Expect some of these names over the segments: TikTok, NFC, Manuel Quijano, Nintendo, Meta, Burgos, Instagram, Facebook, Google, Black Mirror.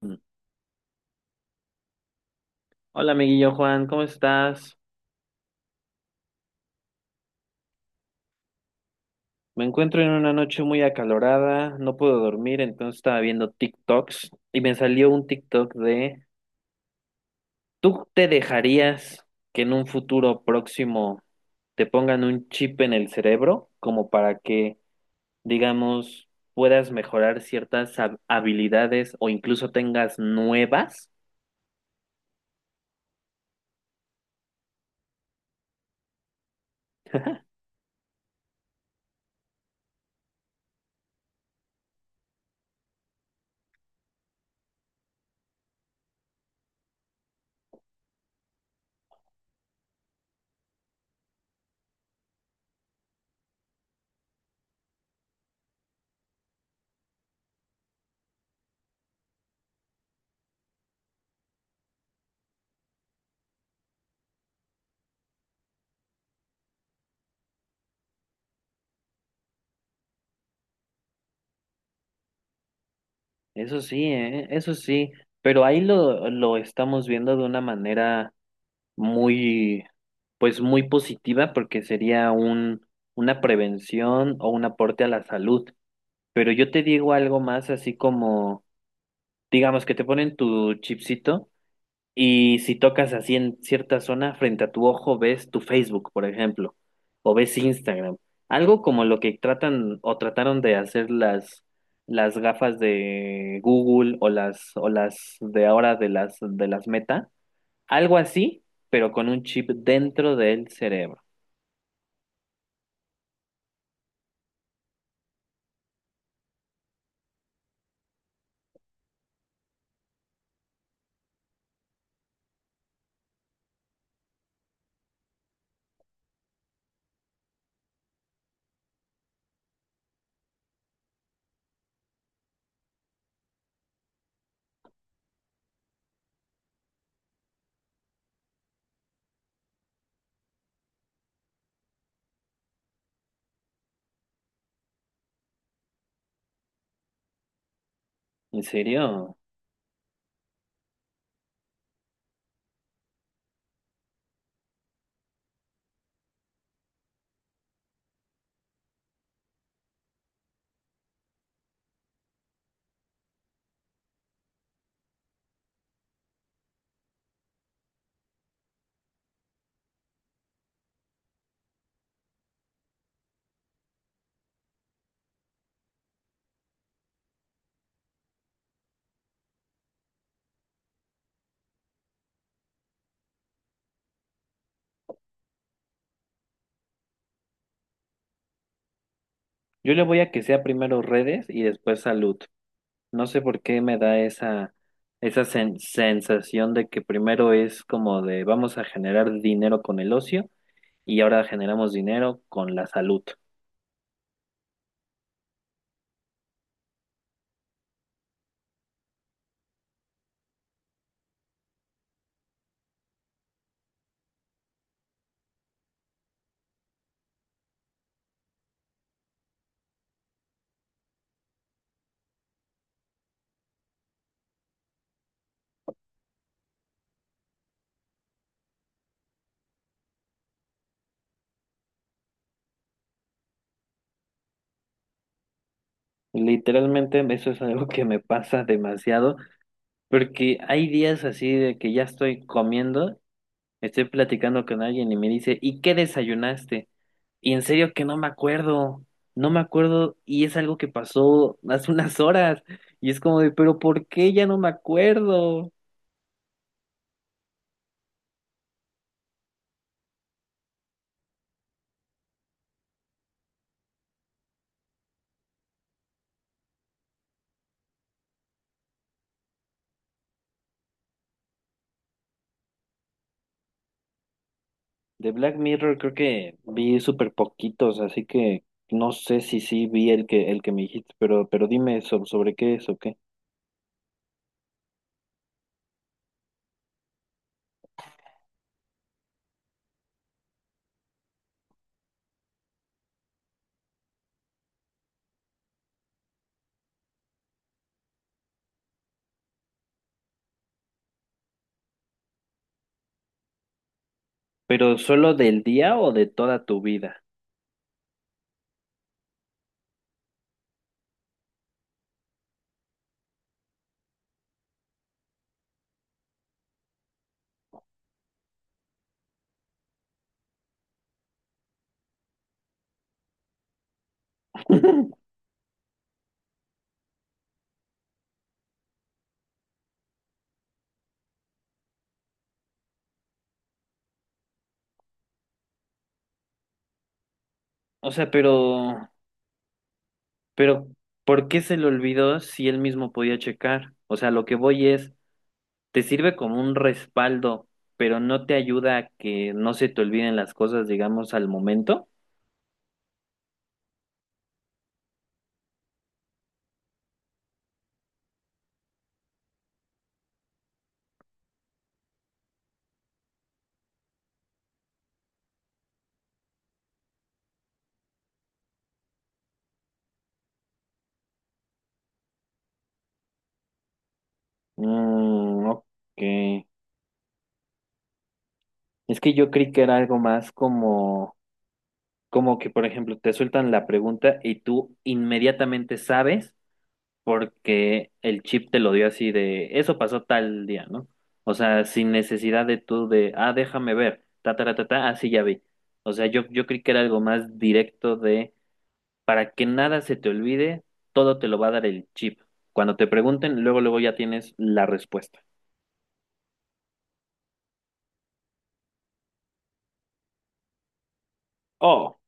Hola, amiguillo Juan, ¿cómo estás? Me encuentro en una noche muy acalorada, no puedo dormir, entonces estaba viendo TikToks y me salió un TikTok ¿tú te dejarías que en un futuro próximo te pongan un chip en el cerebro como para que, digamos, puedas mejorar ciertas habilidades o incluso tengas nuevas? Eso sí, ¿eh? Eso sí, pero ahí lo estamos viendo de una manera muy, pues muy positiva porque sería una prevención o un aporte a la salud. Pero yo te digo algo más, así como, digamos que te ponen tu chipsito y si tocas así en cierta zona frente a tu ojo ves tu Facebook, por ejemplo, o ves Instagram. Algo como lo que tratan o trataron de hacer las gafas de Google o las de ahora de las Meta, algo así, pero con un chip dentro del cerebro. ¿En serio? Yo le voy a que sea primero redes y después salud. No sé por qué me da esa sensación de que primero es como de vamos a generar dinero con el ocio y ahora generamos dinero con la salud. Literalmente eso es algo que me pasa demasiado porque hay días así de que ya estoy comiendo, estoy platicando con alguien y me dice, ¿y qué desayunaste? Y en serio que no me acuerdo, no me acuerdo, y es algo que pasó hace unas horas y es como de, pero ¿por qué ya no me acuerdo? De Black Mirror creo que vi súper poquitos, así que no sé si sí vi el que me dijiste, pero dime sobre qué es o qué. ¿Pero solo del día o de toda tu vida? O sea, pero, ¿por qué se le olvidó si él mismo podía checar? O sea, lo que voy es, te sirve como un respaldo, pero no te ayuda a que no se te olviden las cosas, digamos, al momento. Mm, ok. Es que yo creí que era algo más como que, por ejemplo, te sueltan la pregunta y tú inmediatamente sabes porque el chip te lo dio así de, eso pasó tal día, ¿no? O sea, sin necesidad de tú de, ah, déjame ver, ta, ta, ta, ta, ta, ah, sí, ya vi. O sea, yo creí que era algo más directo de Para que nada se te olvide, todo te lo va a dar el chip. Cuando te pregunten, luego, luego ya tienes la respuesta. Oh,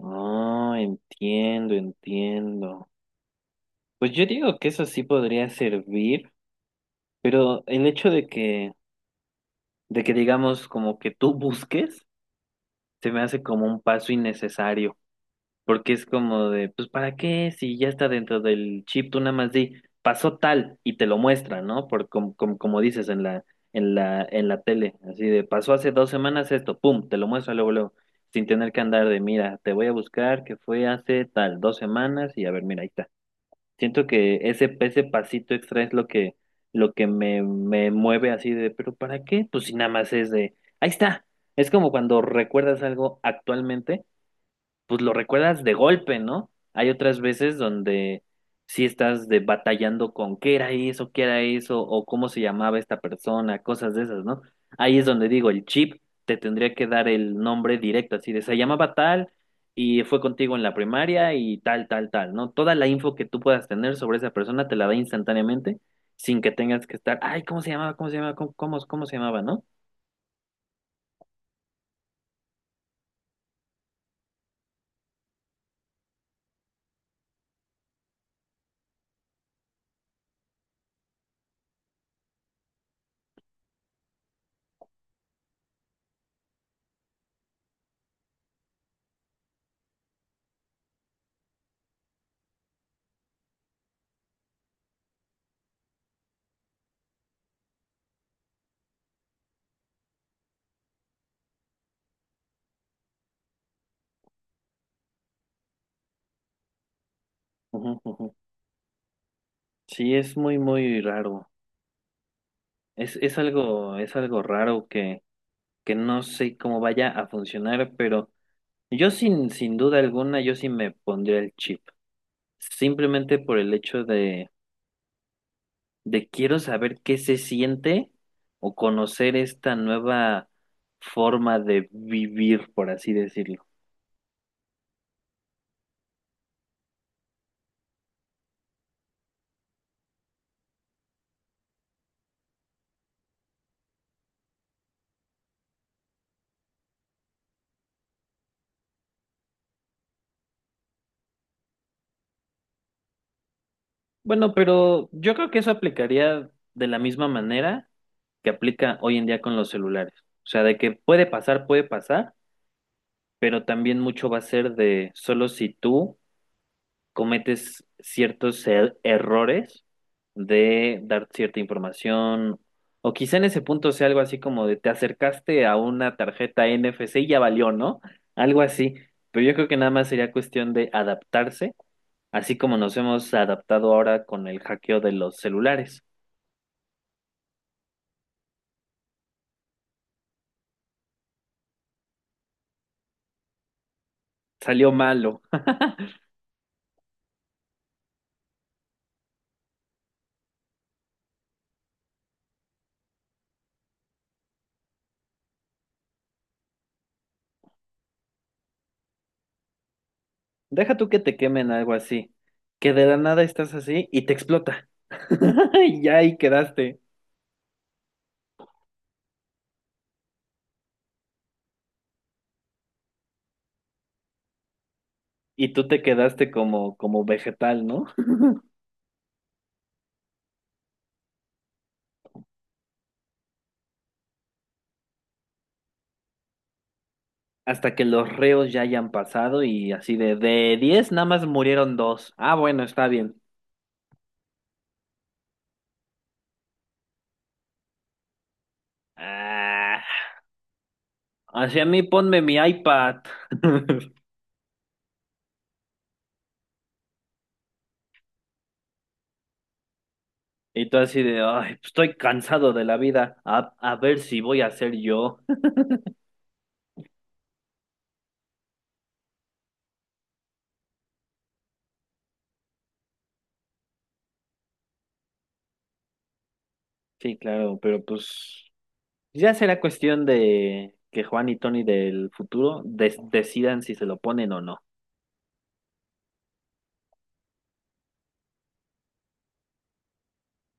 Ah, entiendo, entiendo. Pues yo digo que eso sí podría servir, pero el hecho de que digamos como que tú busques, se me hace como un paso innecesario. Porque es como de, pues, ¿para qué? Si ya está dentro del chip, tú nada más di, pasó tal y te lo muestra, ¿no? Como dices en la tele, así de, pasó hace 2 semanas esto, pum, te lo muestra luego, luego, sin tener que andar de, mira, te voy a buscar que fue hace tal, 2 semanas y a ver, mira, ahí está. Siento que ese pasito extra es lo que me mueve así de, pero ¿para qué? Pues si nada más es de, ahí está. Es como cuando recuerdas algo actualmente, pues lo recuerdas de golpe, ¿no? Hay otras veces donde sí estás de batallando con qué era eso, o cómo se llamaba esta persona, cosas de esas, ¿no? Ahí es donde digo, el chip te tendría que dar el nombre directo, así de, se llamaba tal y fue contigo en la primaria y tal, tal, tal, ¿no? Toda la info que tú puedas tener sobre esa persona te la da instantáneamente, sin que tengas que estar, ay, ¿cómo se llamaba? ¿Cómo se llamaba? ¿Cómo se llamaba? ¿No? Ujú, ujú. Sí, es muy, muy raro. Es algo, es algo raro que no sé cómo vaya a funcionar, pero yo sin duda alguna, yo sí me pondría el chip. Simplemente por el hecho de quiero saber qué se siente o conocer esta nueva forma de vivir, por así decirlo. Bueno, pero yo creo que eso aplicaría de la misma manera que aplica hoy en día con los celulares. O sea, de que puede pasar, pero también mucho va a ser de, solo si tú cometes ciertos errores de dar cierta información, o quizá en ese punto sea algo así como de te acercaste a una tarjeta NFC y ya valió, ¿no? Algo así, pero yo creo que nada más sería cuestión de adaptarse, así como nos hemos adaptado ahora con el hackeo de los celulares. Salió malo. Deja tú que te quemen algo así, que de la nada estás así y te explota. Y ya ahí quedaste. Y tú te quedaste como vegetal, ¿no? Hasta que los reos ya hayan pasado y así de 10 nada más murieron dos. Ah, bueno, está bien. Ah, hacia mí ponme mi iPad. Y tú así de, ay, pues, estoy cansado de la vida, a ver si voy a ser yo. Sí, claro, pero pues ya será cuestión de que Juan y Tony del futuro decidan si se lo ponen o no.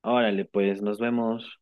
Órale, pues nos vemos.